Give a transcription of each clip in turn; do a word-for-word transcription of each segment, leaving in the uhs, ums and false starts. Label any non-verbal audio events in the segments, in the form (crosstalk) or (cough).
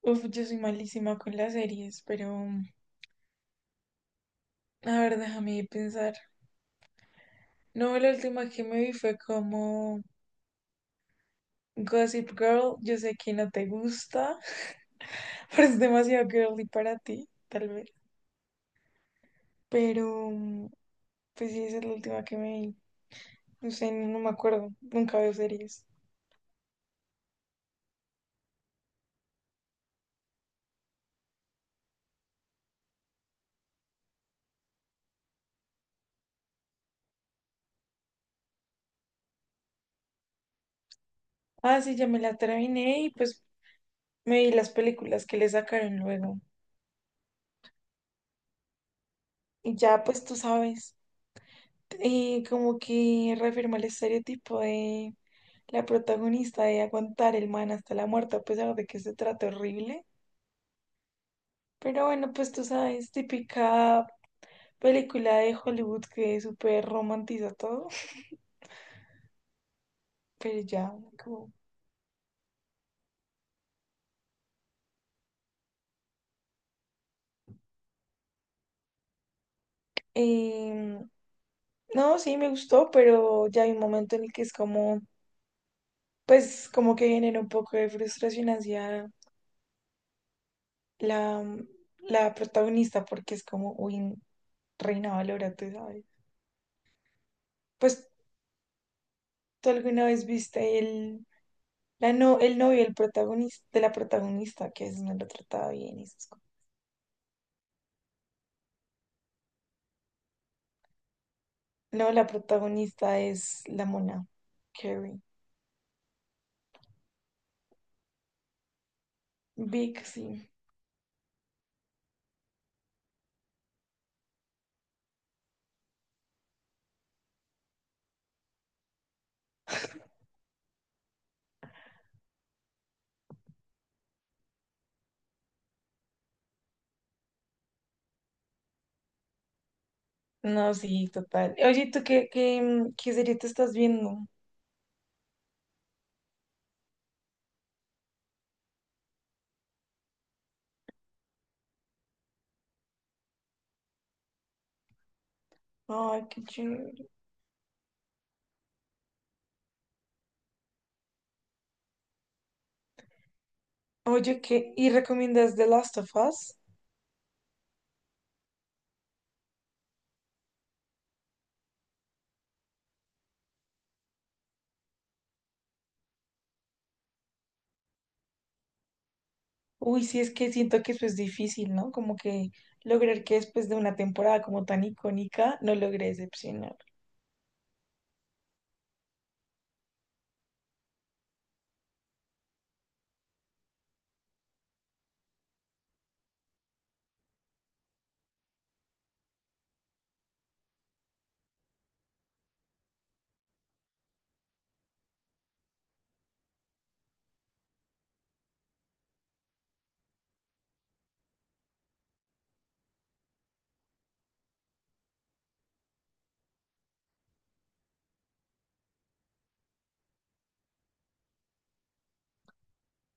Uf, yo soy malísima con las series, pero a ver, déjame pensar. No, la última que me vi fue como Gossip Girl. Yo sé que no te gusta, (laughs) pero es demasiado girly para ti, tal vez. Pero, pues sí, esa es la última que me vi. No sé, no no me acuerdo. Nunca veo series. Ah, sí, ya me la terminé y pues me vi las películas que le sacaron luego. Y ya, pues tú sabes. Eh, como que reafirma el estereotipo de la protagonista de aguantar el man hasta la muerte, a pesar de que se trata horrible. Pero bueno, pues tú sabes, típica película de Hollywood que súper romantiza todo. (laughs) Pero ya, como... em, no, sí, me gustó, pero ya hay un momento en el que es como, pues como que genera un poco de frustración hacia la, la protagonista, porque es como, uy, reina valora, tú sabes. Pues, ¿tú alguna vez viste el, la no, el novio el protagonista, de la protagonista, que a veces no lo trataba bien y esas cosas? No, la protagonista es la mona, Carrie. Vic, sí. No, sí, total. Oye, ¿tú qué, qué, mm, qué serie te estás viendo? Ay, qué chévere. Oye, ¿qué? ¿Y recomiendas The Last of Us? Uy, sí, es que siento que eso es difícil, ¿no? Como que lograr que después de una temporada como tan icónica, no logre decepcionar.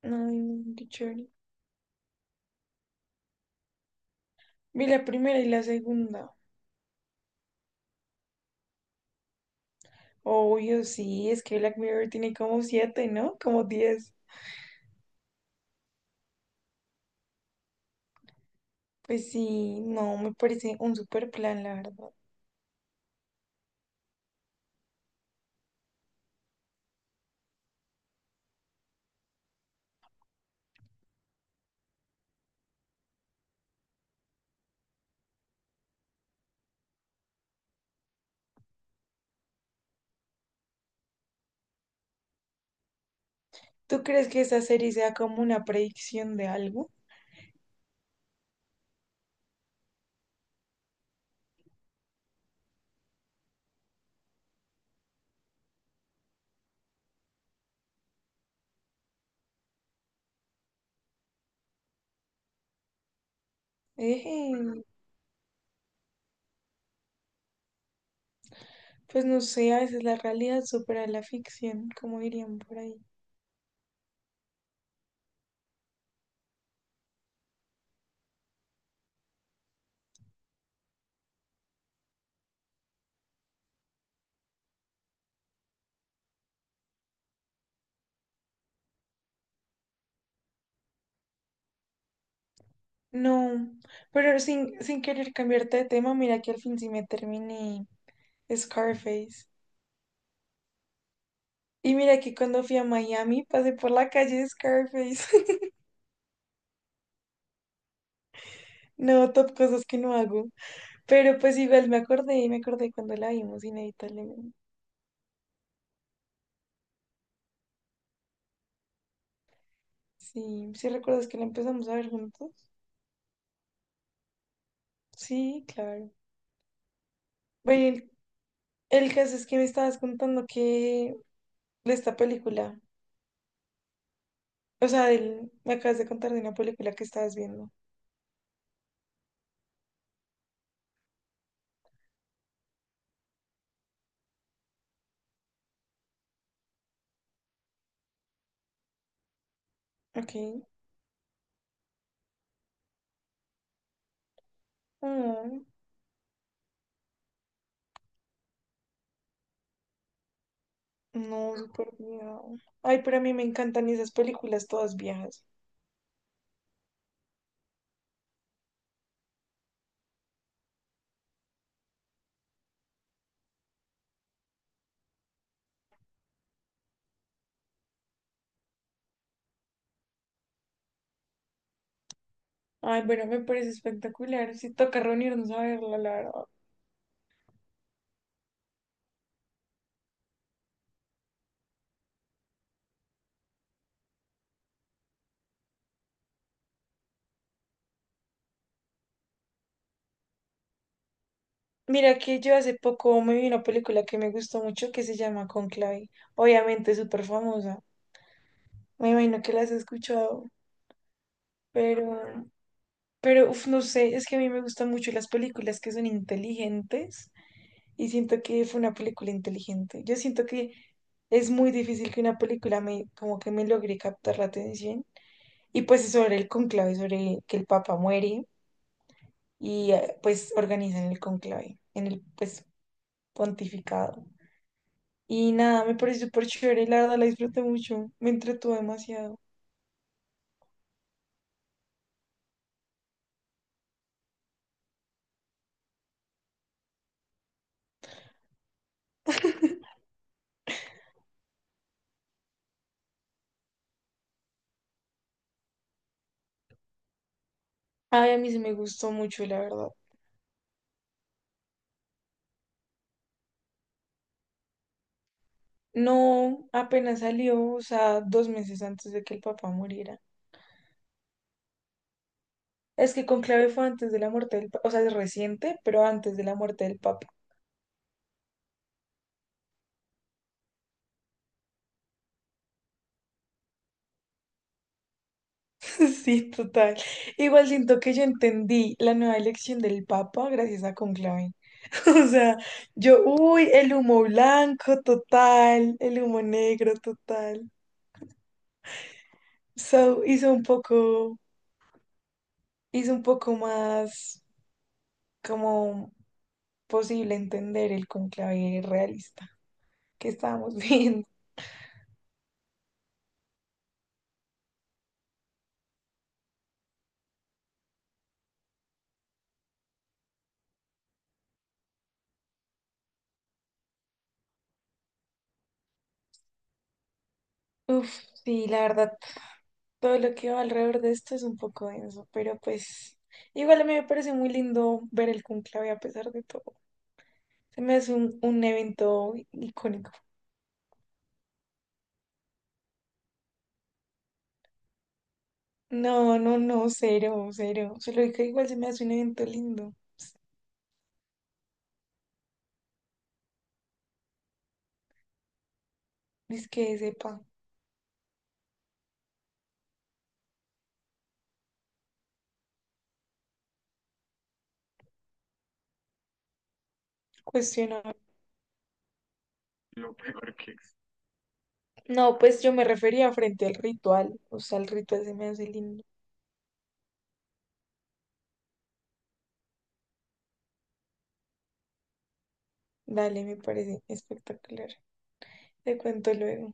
Ay, no, qué chévere. Vi la primera y la segunda. Obvio, sí, es que Black Mirror tiene como siete, ¿no? Como diez. Pues sí, no, me parece un super plan, la verdad. ¿Tú crees que esa serie sea como una predicción de algo? eh Pues no sé, a veces la realidad supera la ficción, como dirían por ahí. No, pero sin, sin querer cambiarte de tema, mira que al fin sí me terminé Scarface. Y mira que cuando fui a Miami pasé por la calle de Scarface. (laughs) No, top cosas que no hago. Pero pues igual me acordé y me acordé cuando la vimos, inevitablemente. Sí, ¿sí recuerdas que la empezamos a ver juntos? Sí, claro. Bueno, el, el caso es que me estabas contando que de esta película. O sea, del- me acabas de contar de una película que estabas viendo. Ok. Mm, no, súper viejo. Ay, pero a mí me encantan esas películas todas viejas. Ay, bueno, me parece espectacular. Sí, toca reunirnos a verla, la verdad. Mira que yo hace poco me vi una película que me gustó mucho que se llama Conclave. Obviamente es súper famosa. Me imagino que la has escuchado, pero, pero, uf, no sé, es que a mí me gustan mucho las películas que son inteligentes y siento que fue una película inteligente. Yo siento que es muy difícil que una película me, como que me logre captar la atención. Y pues es sobre el conclave, sobre que el Papa muere y eh, pues organizan el conclave, en el pues pontificado. Y nada, me pareció súper chévere, la verdad la disfruté mucho, me entretuvo demasiado. Ay, a mí se me gustó mucho, la verdad. No, apenas salió, o sea, dos meses antes de que el papá muriera. Es que Conclave fue antes de la muerte del Papa, o sea, es reciente, pero antes de la muerte del Papa. (laughs) Sí, total. Igual siento que yo entendí la nueva elección del Papa gracias a Conclave. (laughs) O sea, yo, uy, el humo blanco total, el humo negro total. So, hizo un poco, hizo un poco más como posible entender el conclave realista que estábamos (laughs) viendo. Uf, sí, la verdad, todo lo que va alrededor de esto es un poco denso, pero pues igual a mí me parece muy lindo ver el conclave a pesar de todo. Se me hace un, un evento icónico. No, no, no, cero, cero. Solo que igual se me hace un evento lindo. Es que sepa, cuestionar. No, pues yo me refería frente al ritual. O sea, el ritual se me hace lindo. Dale, me parece espectacular. Te cuento luego.